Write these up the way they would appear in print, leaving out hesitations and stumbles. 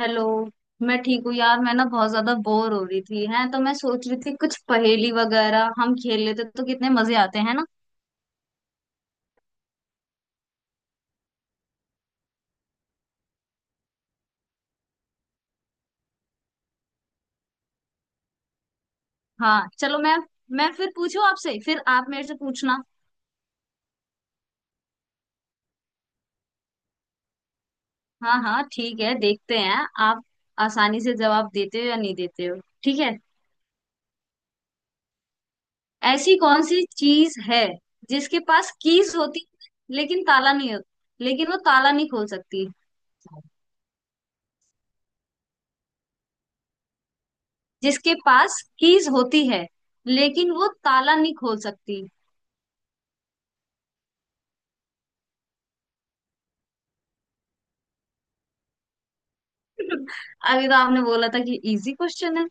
Hello. मैं ठीक हूँ यार। मैं ना बहुत ज्यादा बोर हो रही थी है, तो मैं सोच रही थी कुछ पहेली वगैरह हम खेल लेते तो कितने मजे आते हैं ना। हाँ, चलो। मैं फिर पूछूं आपसे, फिर आप मेरे से पूछना। हाँ हाँ, ठीक है। देखते हैं आप आसानी से जवाब देते हो या नहीं देते हो। ठीक है। ऐसी कौन सी चीज है जिसके पास कीज होती है लेकिन ताला नहीं होता, लेकिन वो ताला नहीं खोल सकती। जिसके पास कीज होती है लेकिन वो ताला नहीं खोल सकती। अभी तो आपने बोला था कि इजी क्वेश्चन है।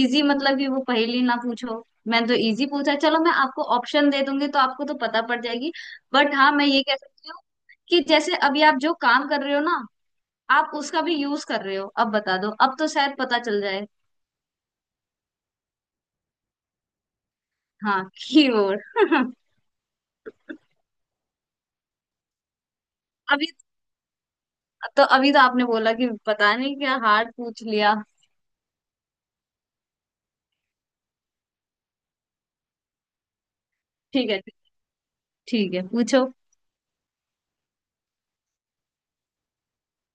इजी मतलब कि वो पहेली ना पूछो। मैंने तो इजी पूछा। चलो मैं आपको ऑप्शन दे दूंगी तो आपको तो पता पड़ जाएगी। बट हाँ, मैं ये कह सकती हूँ कि जैसे अभी आप जो काम कर रहे हो ना, आप उसका भी यूज कर रहे हो। अब बता दो, अब तो शायद पता चल जाए। हाँ, कीबोर्ड। अभी अभी तो आपने बोला कि पता नहीं क्या हार्ड पूछ लिया। ठीक है। ठीक है, पूछो।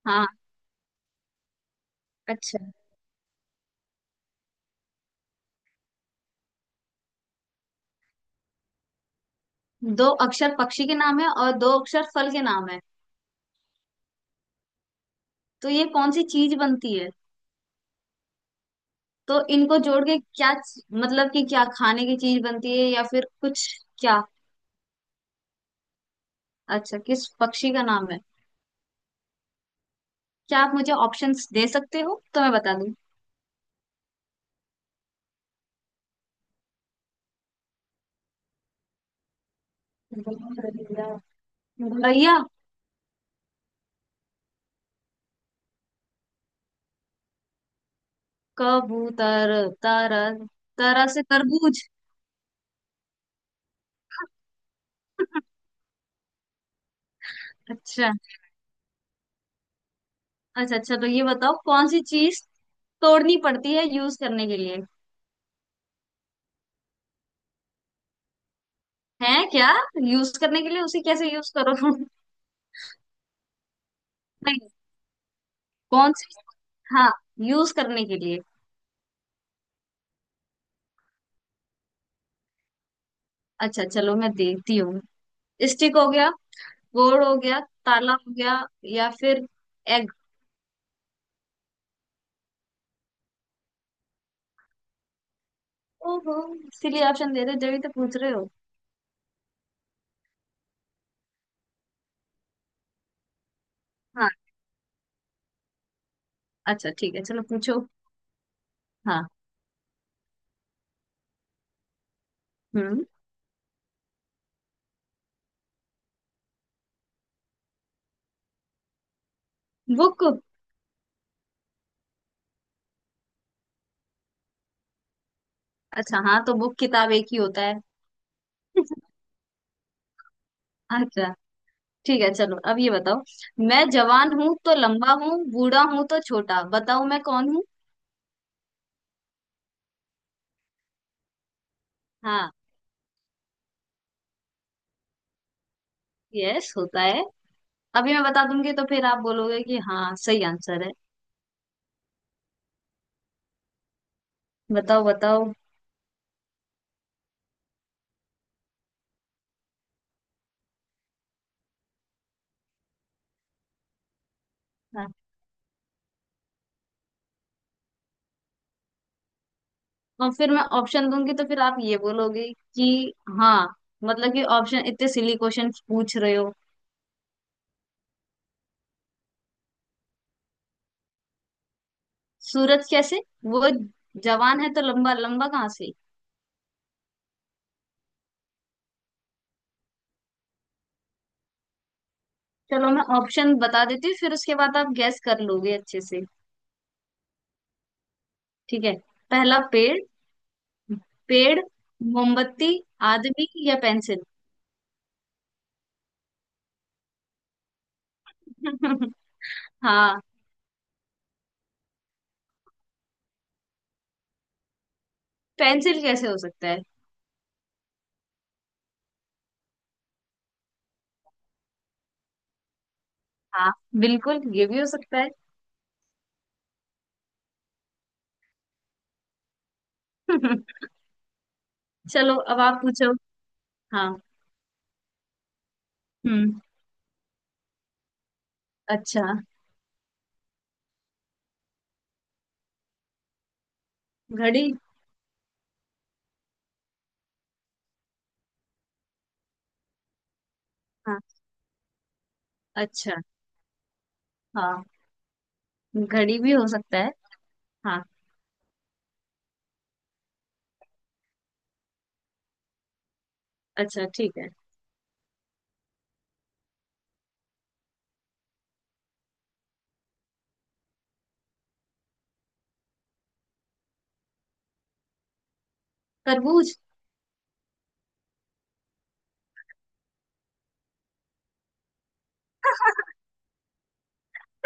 हाँ, अच्छा। दो अक्षर पक्षी के नाम है और दो अक्षर फल के नाम है, तो ये कौन सी चीज बनती है? तो इनको जोड़ के क्या, मतलब कि क्या खाने की चीज बनती है या फिर कुछ? क्या? अच्छा, किस पक्षी का नाम है? क्या आप मुझे ऑप्शंस दे सकते हो तो मैं बता दूं। भैया कबूतर। तरल, तरह से तरबूज। अच्छा। अच्छा अच्छा, तो ये बताओ कौन सी चीज तोड़नी पड़ती है यूज करने के लिए। है क्या? यूज करने के लिए उसे कैसे यूज करो? नहीं। कौन सी? हाँ, यूज करने के लिए। अच्छा, चलो मैं देखती हूँ। स्टिक हो गया, गोल हो गया, ताला हो गया, या फिर एग। ओहो, इसीलिए ऑप्शन दे रहे हो, जब ही तो पूछ रहे हो। हाँ। अच्छा ठीक है, चलो पूछो। हाँ। हम्म। बुक। अच्छा हाँ, तो बुक किताब एक ही होता है। अच्छा ठीक है, चलो अब ये बताओ। मैं जवान हूँ तो लंबा हूँ, बूढ़ा हूँ तो छोटा। बताओ मैं कौन हूँ। हाँ। यस, होता है। अभी मैं बता दूंगी तो फिर आप बोलोगे कि हाँ, सही आंसर है। बताओ बताओ। हाँ। और फिर मैं ऑप्शन दूंगी तो फिर आप ये बोलोगे कि हाँ, मतलब कि ऑप्शन, इतने सिली क्वेश्चन पूछ रहे हो। सूरज कैसे? वो जवान है तो लंबा, लंबा कहाँ से? चलो मैं ऑप्शन बता देती हूँ, फिर उसके बाद आप गैस कर लोगे अच्छे से। ठीक है। पहला पेड़। पेड़, मोमबत्ती, आदमी या पेंसिल। हाँ, पेंसिल कैसे हो सकता है? हाँ, बिल्कुल, ये भी हो सकता है। चलो अब आप पूछो। हाँ। हम्म। अच्छा। घड़ी। हाँ। अच्छा, हाँ, घड़ी भी हो सकता है। हाँ। अच्छा ठीक है। तरबूज।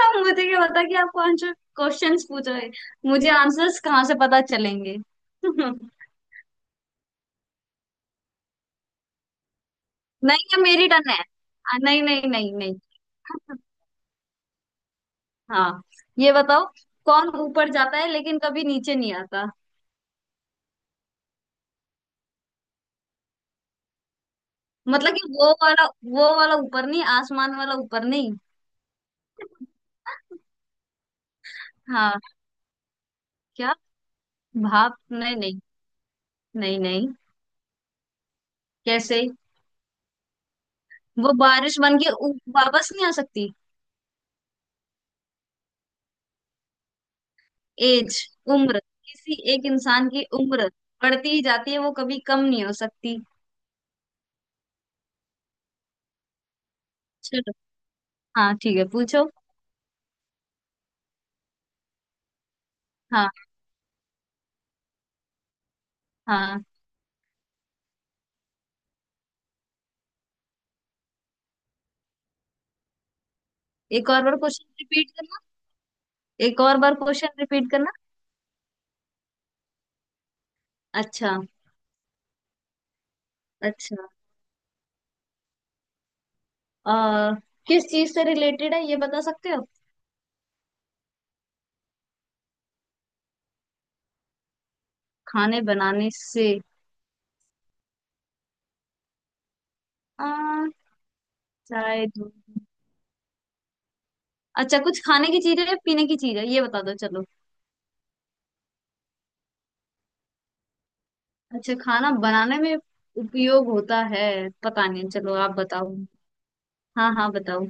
अब मुझे क्या पता कि आप कौन से क्वेश्चंस पूछोगे। मुझे आंसर्स कहाँ से पता चलेंगे? नहीं। ये मेरी टर्न है, नहीं नहीं नहीं नहीं। हाँ, ये बताओ। कौन ऊपर जाता है लेकिन कभी नीचे नहीं आता? मतलब कि वो वाला, वो वाला ऊपर नहीं, आसमान वाला ऊपर नहीं। हाँ। क्या? भाप? नहीं नहीं। नहीं नहीं। कैसे? वो बारिश बन के वापस नहीं आ सकती। एज, उम्र, किसी एक इंसान की उम्र बढ़ती ही जाती है, वो कभी कम नहीं हो सकती। चलो। हाँ ठीक है, पूछो। हाँ। हाँ। एक और बार क्वेश्चन रिपीट करना। एक और बार क्वेश्चन रिपीट करना। अच्छा। अच्छा। आ, किस चीज से रिलेटेड है, ये बता सकते हो? खाने बनाने से? आ, चाय, दूध। अच्छा, कुछ खाने की चीज है या पीने की चीज है? ये बता दो चलो। अच्छा, खाना बनाने में उपयोग होता है। पता नहीं, चलो आप बताओ। हाँ हाँ, बताओ।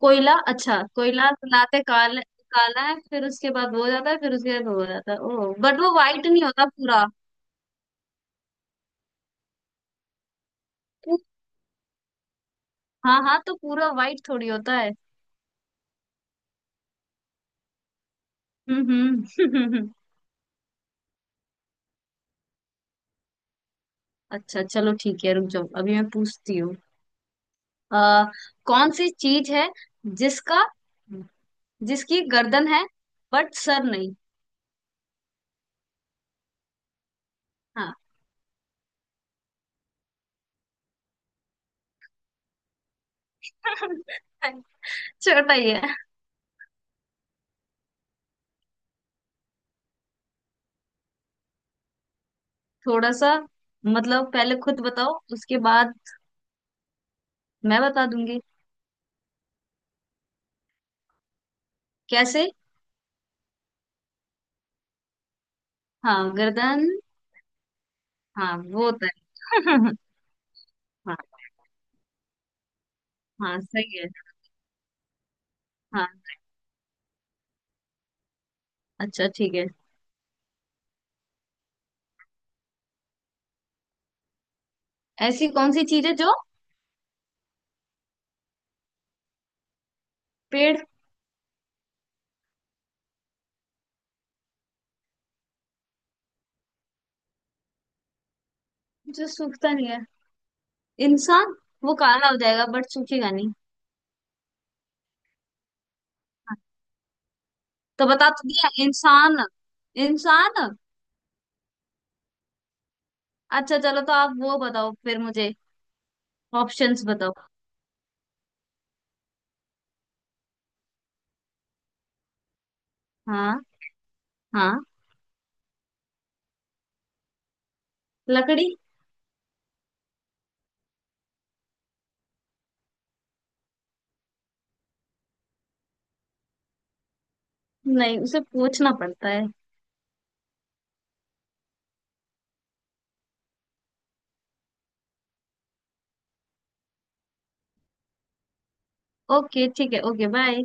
कोयला? अच्छा, कोयला लाते काल, काला है, फिर उसके बाद वो हो जाता है, फिर उसके बाद वो हो जाता है, ओ बट वो वाइट नहीं होता पूरा। पू- हाँ हाँ, तो पूरा वाइट थोड़ी होता है। हम्म। हम्म। अच्छा चलो ठीक है, रुक जाओ, अभी मैं पूछती हूँ। आ कौन सी चीज है, जिसका, जिसकी गर्दन है बट सर नहीं? हाँ। छोटा ही है। थोड़ा सा, मतलब पहले खुद बताओ उसके बाद मैं बता दूंगी। कैसे? हाँ, गर्दन। हाँ, वो तो है। हाँ। हाँ सही है। हाँ। अच्छा ठीक है। ऐसी कौन सी चीज है जो, पेड़? जो सूखता नहीं है। इंसान। वो काला हो जाएगा बट सूखेगा नहीं। हाँ, तो बता तो दिया, इंसान। इंसान। अच्छा, चलो तो आप वो बताओ फिर मुझे। ऑप्शंस बताओ। हाँ। हाँ। लकड़ी। नहीं, उसे पूछना पड़ता है। ओके ठीक है। Okay, bye.